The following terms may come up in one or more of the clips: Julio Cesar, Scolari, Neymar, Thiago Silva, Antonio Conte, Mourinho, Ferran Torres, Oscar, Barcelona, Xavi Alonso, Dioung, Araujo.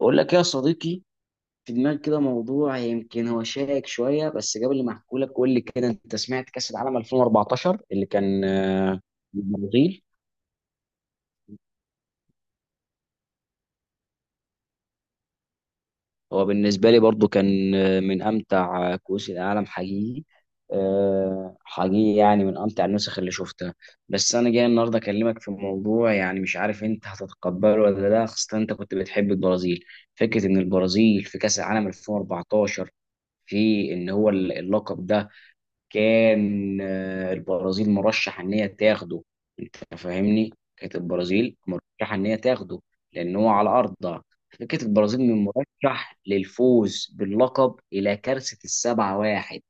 بقول لك يا صديقي، في دماغي كده موضوع يمكن هو شائك شويه. بس قبل ما احكي لك قول لي كده، انت سمعت كاس العالم 2014 اللي كان في البرازيل؟ هو بالنسبه لي برضو كان من امتع كؤوس العالم حقيقي. حقيقي، يعني من امتع النسخ اللي شفتها. بس انا جاي النهارده اكلمك في موضوع، يعني مش عارف انت هتتقبله ولا لا، خاصه انت كنت بتحب البرازيل. فكره ان البرازيل في كاس العالم 2014، في ان هو اللقب ده كان البرازيل مرشح ان هي تاخده. انت فاهمني، كانت البرازيل مرشح ان هي تاخده، لان هو على ارضها. فكانت البرازيل من مرشح للفوز باللقب الى كارثه السبعة واحد،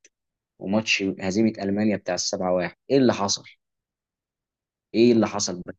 وماتش هزيمه المانيا بتاع السبعة واحد. ايه اللي حصل؟ ايه اللي حصل بقى؟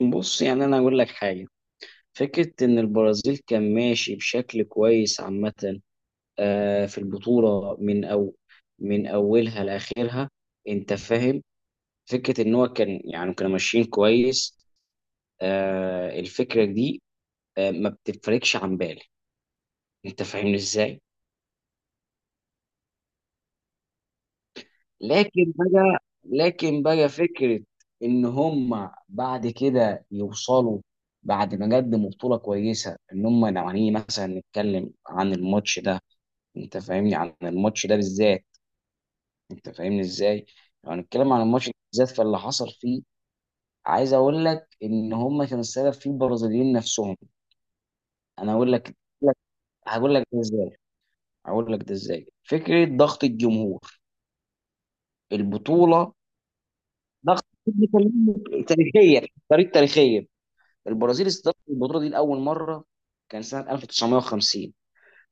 بص، يعني انا اقول لك حاجه. فكره ان البرازيل كان ماشي بشكل كويس عامه في البطوله من او من اولها لاخرها، انت فاهم. فكره ان هو كان، يعني كانوا ماشيين كويس. آه الفكره دي آه ما بتفرقش عن بالي، انت فاهمني ازاي. لكن بقى فكره ان هم بعد كده يوصلوا، بعد ما قدموا بطوله كويسه، ان هم لو هنيجي مثلا نتكلم عن الماتش ده، انت فاهمني، عن الماتش ده بالذات، انت فاهمني ازاي. لو هنتكلم عن الماتش ده بالذات، فاللي حصل فيه عايز اقول لك ان هم كانوا السبب فيه، البرازيليين نفسهم. انا اقول لك. هقول لك ده ازاي. فكره ضغط الجمهور، البطوله ضغط، تاريخيه، طريق تاريخيه. البرازيل استضافت البطوله دي لاول مره كان سنه 1950،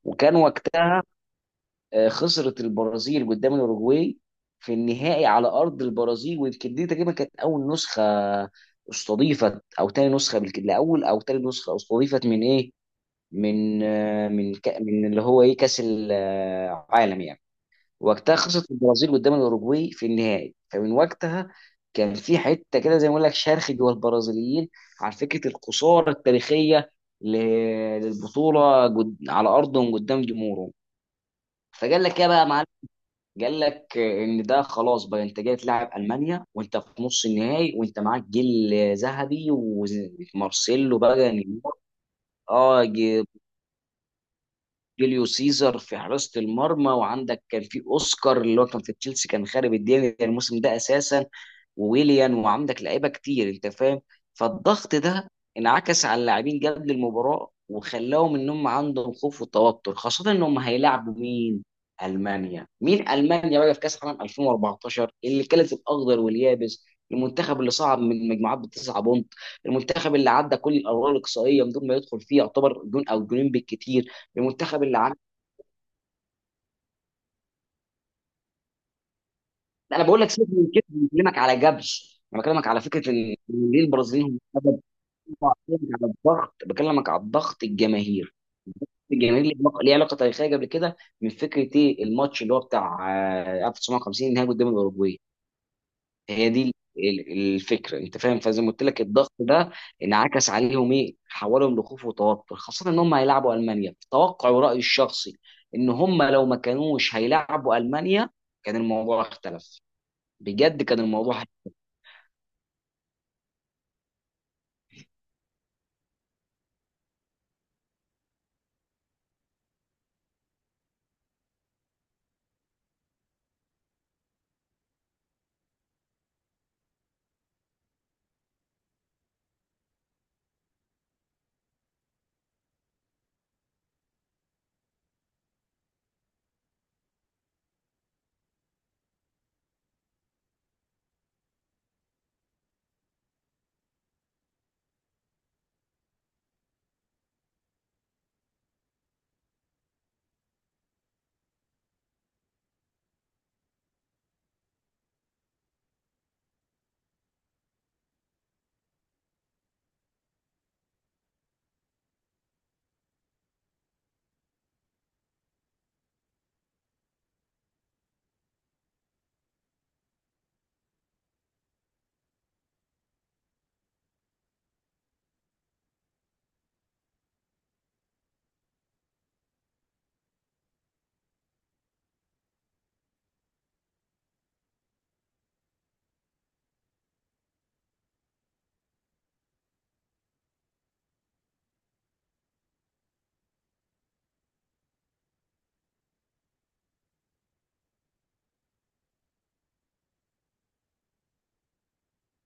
وكان وقتها خسرت البرازيل قدام الاوروجواي في النهائي على ارض البرازيل. ويمكن دي تقريبا كانت اول نسخه استضيفت، او تاني نسخه بالكده، لاول او تاني نسخه استضيفت من ايه؟ من من من اللي هو ايه، كاس العالم يعني. وقتها خسرت البرازيل قدام الاوروجواي في النهائي. فمن وقتها كان في حته كده، زي ما اقول لك، شرخ جوه البرازيليين على فكره الخساره التاريخيه ل- للبطوله على ارضهم قدام جمهورهم. فقال لك ايه بقى يا معلم، قال لك ان ده خلاص بقى، انت جاي تلعب المانيا وانت في نص النهائي، وانت معاك جيل ذهبي ومارسيلو بقى نيمار. اه، جوليو سيزر في حراسة المرمى، وعندك كان في اوسكار اللي هو كان في تشيلسي، كان خارب الدنيا الموسم ده اساسا، وويليان، وعندك لعيبة كتير انت فاهم. فالضغط ده انعكس على اللاعبين قبل المباراة، وخلاهم ان هم عندهم خوف وتوتر، خاصة ان هم هيلاعبوا مين؟ المانيا. مين المانيا بقى؟ في كاس العالم 2014 اللي كانت الاخضر واليابس، المنتخب اللي صعد من مجموعات بتسعة بونت، المنتخب اللي عدى كل الادوار الاقصائيه من دون ما يدخل فيه يعتبر جون او جونين بالكتير، المنتخب اللي انا بقول لك سيبك من كده، أنا بكلمك على جبش، انا بكلمك على فكره ان إن ليه البرازيليين هم سبب. بكلمك على الضغط، بكلمك على الضغط الجماهيري، الجماهير ليه علاقه، ليه علاقة تاريخيه قبل كده، من فكره ايه الماتش اللي هو بتاع 1950 النهائي قدام الاوروجواي. هي دي الفكره، انت فاهم. فزي ما قلت لك، الضغط ده انعكس عليهم، ايه، حولهم لخوف وتوتر، خاصه ان هم هيلعبوا المانيا. توقعي ورايي الشخصي ان هم لو ما كانوش هيلعبوا المانيا كان الموضوع اختلف، بجد كان الموضوع.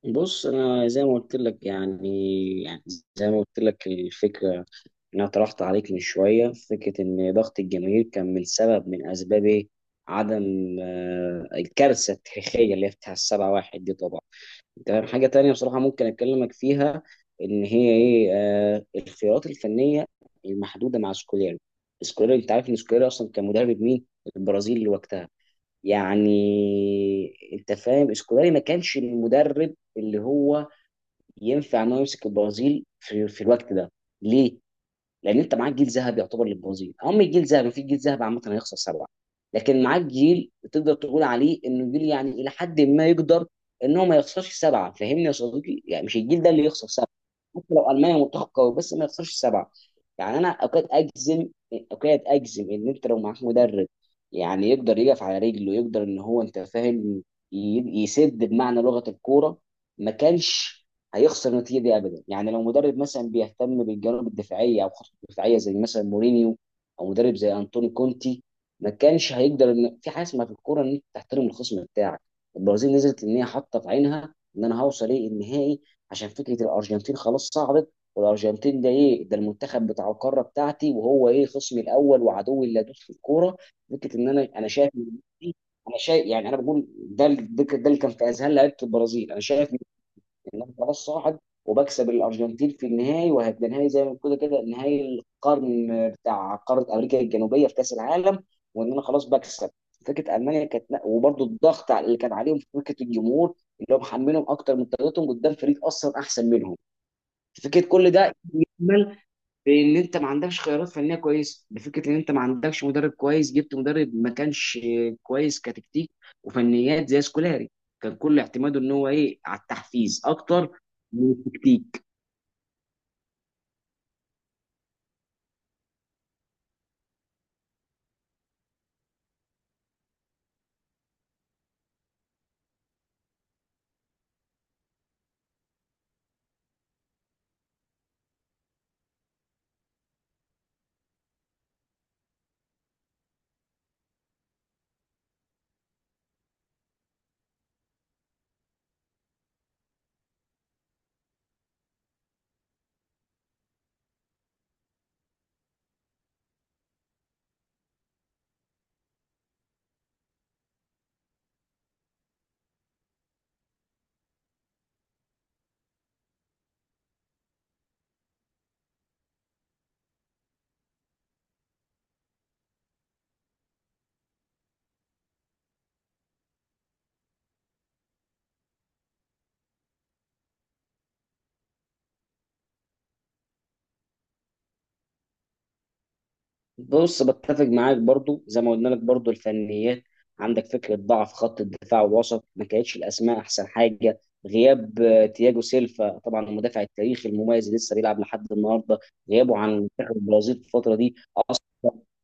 بص انا زي ما قلت لك، يعني يعني زي ما قلت لك الفكره اللي انا طرحت عليك من شويه، فكره ان ضغط الجماهير كان من سبب، من اسباب إيه؟ عدم الكارثه التاريخيه اللي هي بتاع السبعة واحد دي طبعا. تمام، حاجه تانية بصراحه ممكن اكلمك فيها، ان هي ايه، الخيارات الفنيه المحدوده مع سكوليري. سكوليري انت عارف ان سكوليري اصلا كان مدرب مين؟ البرازيل وقتها، يعني انت فاهم، سكولاري ما كانش المدرب اللي هو ينفع انه يمسك البرازيل في الوقت ده. ليه؟ لان انت معاك جيل ذهبي، يعتبر للبرازيل هم الجيل ذهبي، في جيل ذهبي عامه هيخسر سبعه؟ لكن معاك جيل تقدر تقول عليه انه جيل، يعني الى حد ما يقدر ان هو ما يخسرش سبعه، فاهمني يا صديقي؟ يعني مش الجيل ده اللي يخسر سبعه، حتى لو المانيا منتخب قوي بس ما يخسرش سبعه. يعني انا اوقات اجزم، ان انت لو معاك مدرب يعني يقدر يقف على رجله، يقدر ان هو انت فاهم يسد بمعنى لغه الكوره، ما كانش هيخسر النتيجه دي ابدا. يعني لو مدرب مثلا بيهتم بالجوانب الدفاعيه او خطوط الدفاعيه زي مثلا مورينيو، او مدرب زي انطوني كونتي، ما كانش هيقدر. ان في حاجه اسمها في الكوره ان انت تحترم الخصم بتاعك. البرازيل نزلت ان هي حاطه في عينها ان انا هوصل ايه النهائي، عشان فكره الارجنتين خلاص صعدت، والارجنتين ده ايه، ده المنتخب بتاع القاره بتاعتي وهو ايه خصمي الاول وعدوي اللدود في الكوره. فكره ان انا، انا شايف، يعني انا بقول ده اللي كان في اذهان لعيبه البرازيل، انا شايف ان انا خلاص صاعد وبكسب الارجنتين في النهائي، وهيبقى نهائي زي ما كده كده نهائي القرن بتاع قاره امريكا الجنوبيه في كاس العالم، وان انا خلاص بكسب. فكره المانيا كانت، وبرده الضغط اللي كان عليهم في فكره الجمهور اللي هو محملهم اكتر من طاقتهم قدام فريق اصلا احسن منهم. فكره كل ده لان انت ما عندكش خيارات فنيه كويسه، بفكره ان انت ما عندكش مدرب كويس، جبت مدرب ما كانش كويس كتكتيك وفنيات زي سكولاري. كان كل اعتماده ان هو ايه على التحفيز اكتر من التكتيك. بص بتفق معاك برضو زي ما قلنا لك، برضو الفنيات، عندك فكره ضعف خط الدفاع والوسط، ما كانتش الاسماء احسن حاجه. غياب تياجو سيلفا طبعا، المدافع التاريخي المميز اللي لسه بيلعب لحد النهارده، غيابه عن منتخب البرازيل في الفتره دي.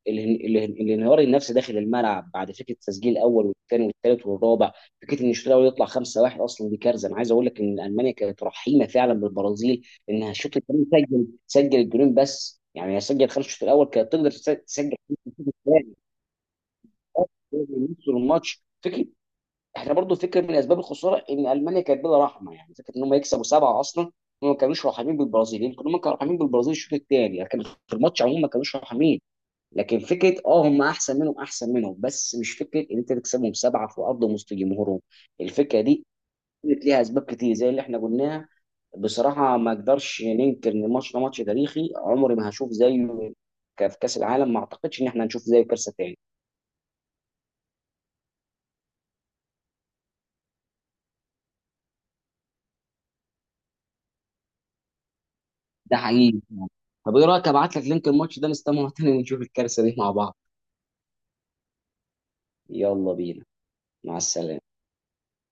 الانهيار النفسي داخل الملعب بعد فكره التسجيل الاول والثاني والثالث والرابع. فكره ان الشوط الاول يطلع 5-1 اصلا دي كارثه. انا عايز اقول لك ان المانيا كانت رحيمه فعلا بالبرازيل، انها الشوط الثاني سجل الجولين بس، يعني هي سجل خمس الشوط الاول، كانت تقدر تسجل خمسة في الشوط الثاني يوصلوا الماتش. فكره احنا برضو فكره من اسباب الخساره ان المانيا كانت بلا رحمه، يعني فكره ان هم يكسبوا سبعه اصلا، هم ما كانوش رحمين بالبرازيل. يمكن هم كانوا رحمين بالبرازيل الشوط الثاني، لكن في الماتش عموما ما كانوش رحمين. لكن فكره اه هم احسن منهم، احسن منهم، بس مش فكره ان انت تكسبهم سبعه في ارض وسط جمهورهم. الفكره دي كانت ليها اسباب كتير زي اللي احنا قلناها. بصراحه ما اقدرش ننكر ان الماتش ده ماتش تاريخي، عمري ما هشوف زيه في كاس العالم، ما اعتقدش ان احنا هنشوف زيه كارثه تاني. ده حقيقي. طب ايه رايك ابعت لك لينك الماتش ده، نستمع تاني ونشوف الكارثه دي مع بعض. يلا بينا. مع السلامه.